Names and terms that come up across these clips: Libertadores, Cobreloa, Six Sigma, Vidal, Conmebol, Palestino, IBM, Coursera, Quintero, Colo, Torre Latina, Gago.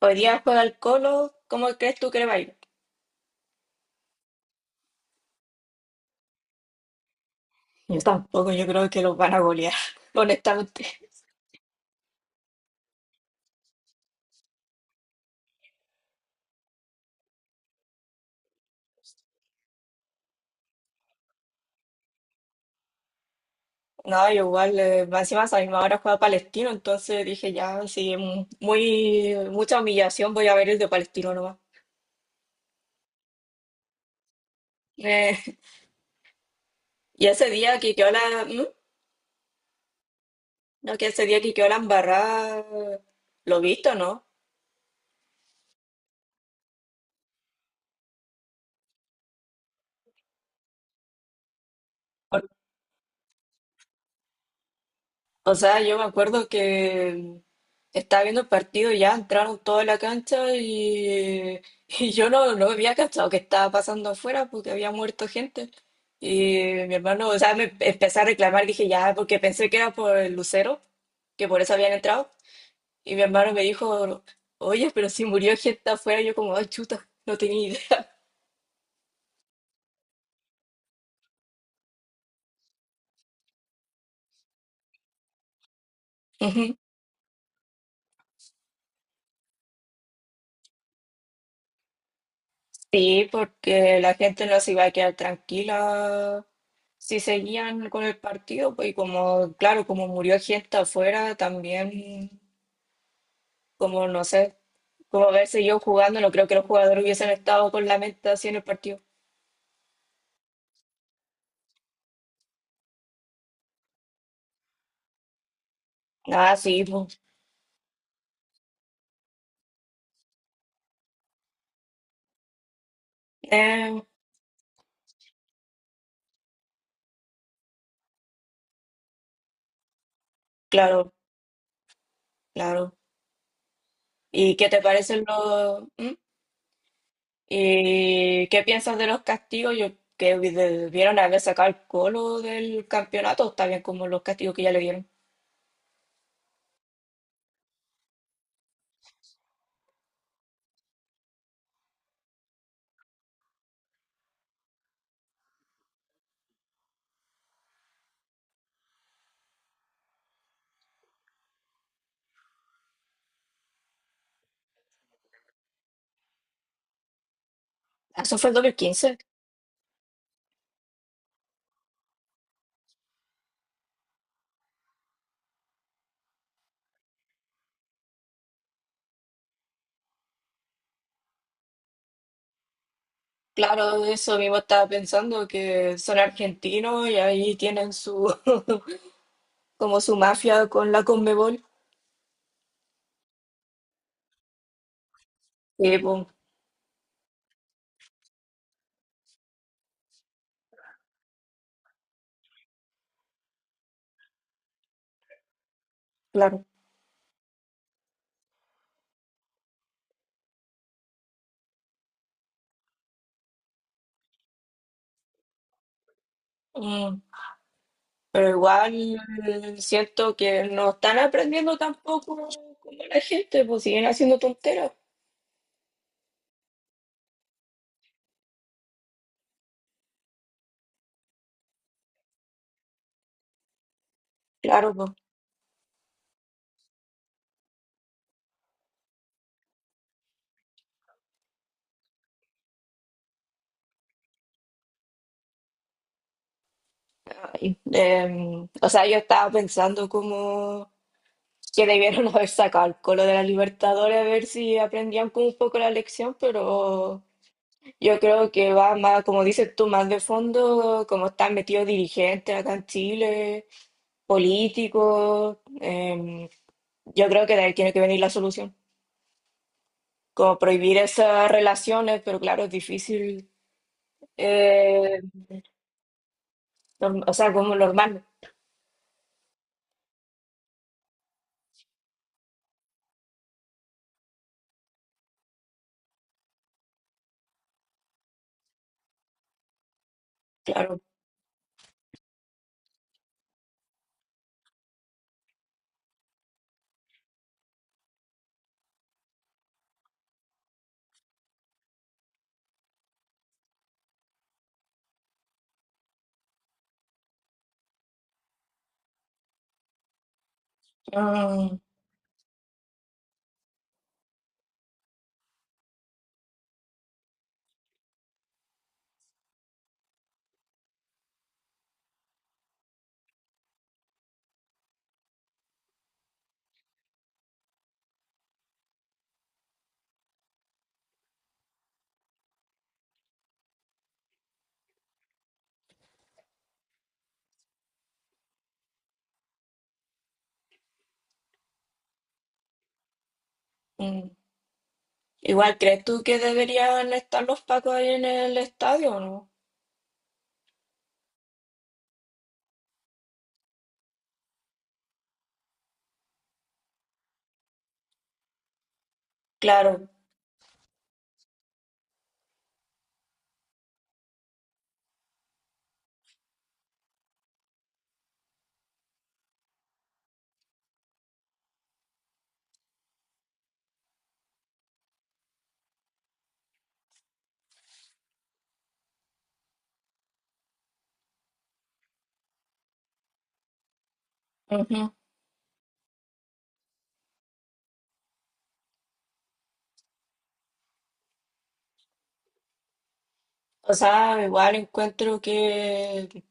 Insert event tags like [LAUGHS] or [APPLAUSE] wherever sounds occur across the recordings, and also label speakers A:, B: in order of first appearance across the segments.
A: Hoy día juega el Colo, ¿cómo crees tú que le va a ir? Yo tampoco, yo creo que los van a golear, [LAUGHS] honestamente. No, yo igual, más encima a esa misma hora juega Palestino, entonces dije ya, sí, mucha humillación, voy a ver el de Palestino nomás. Eh, [LAUGHS] y ese día que quedó la, ¿Mm? No, que ese día que quedó la embarrada, ¿lo viste o no? O sea, yo me acuerdo que estaba viendo el partido y ya entraron toda la cancha y yo no había cachado qué estaba pasando afuera porque había muerto gente. Y mi hermano, o sea, me empecé a reclamar, dije ya, porque pensé que era por el lucero, que por eso habían entrado. Y mi hermano me dijo, oye, pero si murió gente afuera, yo como, ay, chuta, no tenía idea. [LAUGHS] Sí, porque la gente no se iba a quedar tranquila si seguían con el partido, pues y como, claro, como murió gente afuera, también, como no sé, como haber seguido jugando, no creo que los jugadores hubiesen estado con la mente así en el partido. Ah, sí, pues. Eh, claro, claro. ¿Y qué te parecen los... mm? ¿Y qué piensas de los castigos? Yo que debieron haber sacado el Colo del campeonato, está bien como los castigos que ya le dieron. Ah, eso fue el dos mil quince. Claro, eso mismo estaba pensando, que son argentinos y ahí tienen su [LAUGHS] como su mafia con la Conmebol. Sí, pues, claro. Mm, pero igual siento que no están aprendiendo tampoco como la gente, pues siguen haciendo tonteras. Claro, pues. Ay, o sea, yo estaba pensando como que debieron [LAUGHS] haber sacado el colo de la Libertadores a ver si aprendían como un poco la lección, pero yo creo que va más, como dices tú, más de fondo, como están metidos dirigentes acá en Chile, políticos. Yo creo que de ahí tiene que venir la solución. Como prohibir esas relaciones, pero claro, es difícil. eh, o sea, como normal, claro. Mm, mm. Igual, ¿crees tú que deberían estar los pacos ahí en el estadio o no? Claro. Ujú. O sea, igual encuentro que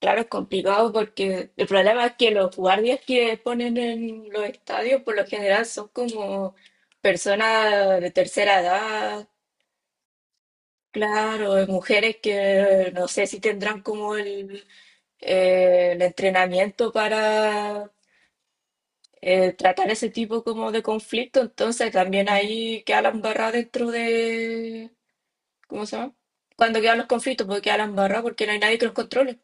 A: claro, es complicado porque el problema es que los guardias que ponen en los estadios por lo general son como personas de tercera edad, claro, mujeres que no sé si tendrán como el entrenamiento para tratar ese tipo como de conflicto, entonces también ahí queda la embarrada dentro de, ¿cómo se llama? Cuando quedan los conflictos, porque queda la embarrada porque no hay nadie que los controle.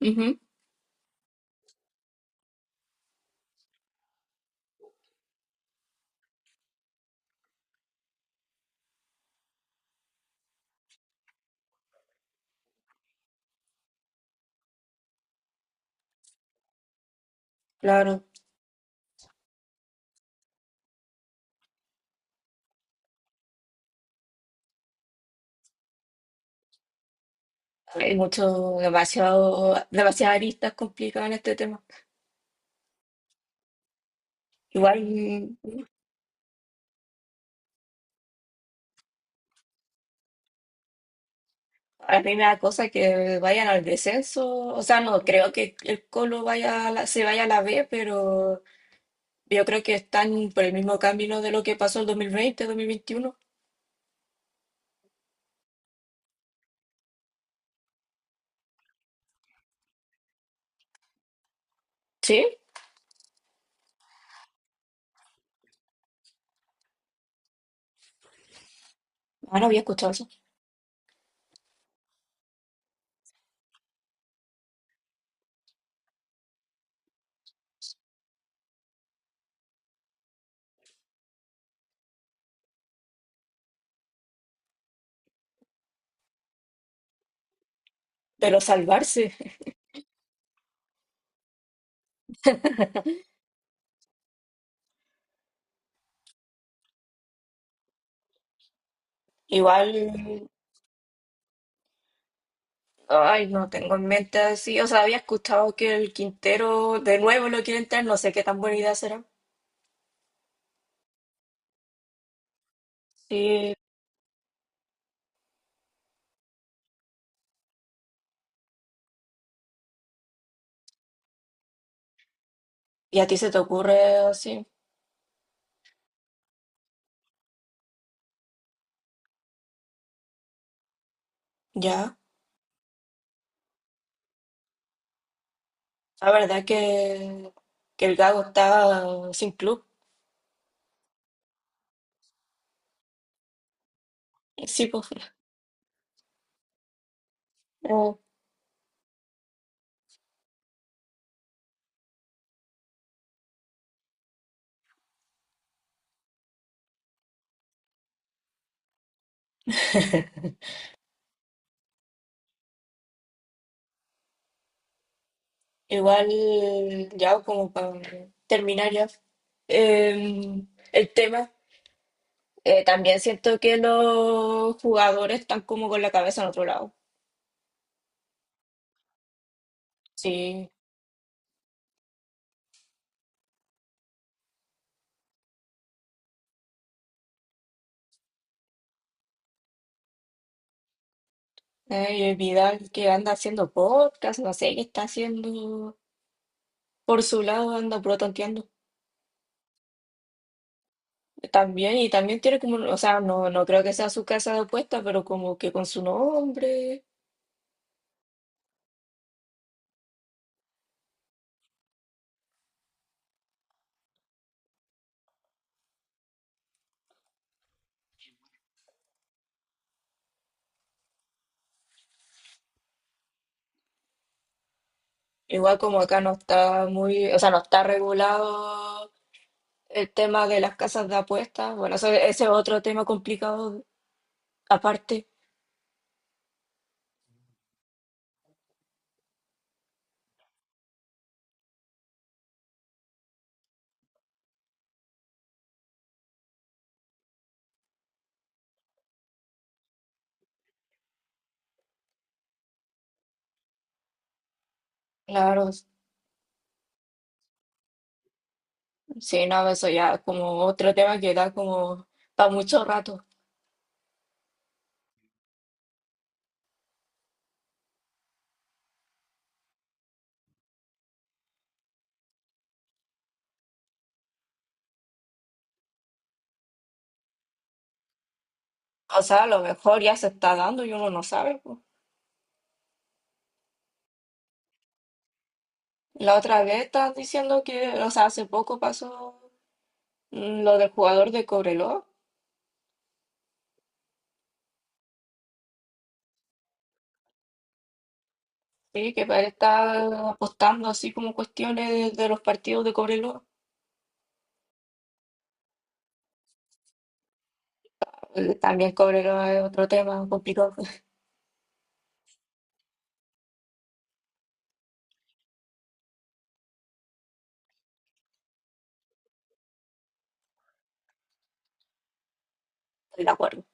A: Ujú, claro. Hay mucho, demasiadas aristas complicadas en este tema. Igual, mm, a mí me da cosa que vayan al descenso. O sea, no creo que el Colo vaya a se vaya a la B, pero yo creo que están por el mismo camino de lo que pasó el 2020, 2021. Sí, ah, no había escuchado eso. Pero salvarse. Igual, ay, no tengo en mente así. O sea, había escuchado que el Quintero de nuevo lo quiere entrar. No sé qué tan buena idea será. Sí, ¿y a ti se te ocurre así? Ya, la verdad que el Gago está sin club. Sí, pues. No, igual, ya como para terminar ya. eh, el tema, también siento que los jugadores están como con la cabeza en otro lado. Sí, y el Vidal que anda haciendo podcast, no sé qué está haciendo por su lado, anda protonteando. También, y también tiene como, o sea, no creo que sea su casa de apuesta, pero como que con su nombre. Igual como acá no está muy, o sea, no está regulado el tema de las casas de apuestas. Bueno, ese es otro tema complicado aparte. Claro, sí, no, eso ya es como otro tema que da como para mucho rato. O sea, a lo mejor ya se está dando y uno no sabe, po. La otra vez estás diciendo que, o sea, hace poco pasó mm, lo del jugador de Cobreloa, sí, que parece estar apostando así como cuestiones de los partidos de Cobreloa. También Cobreloa es otro tema complicado. Estoy de acuerdo.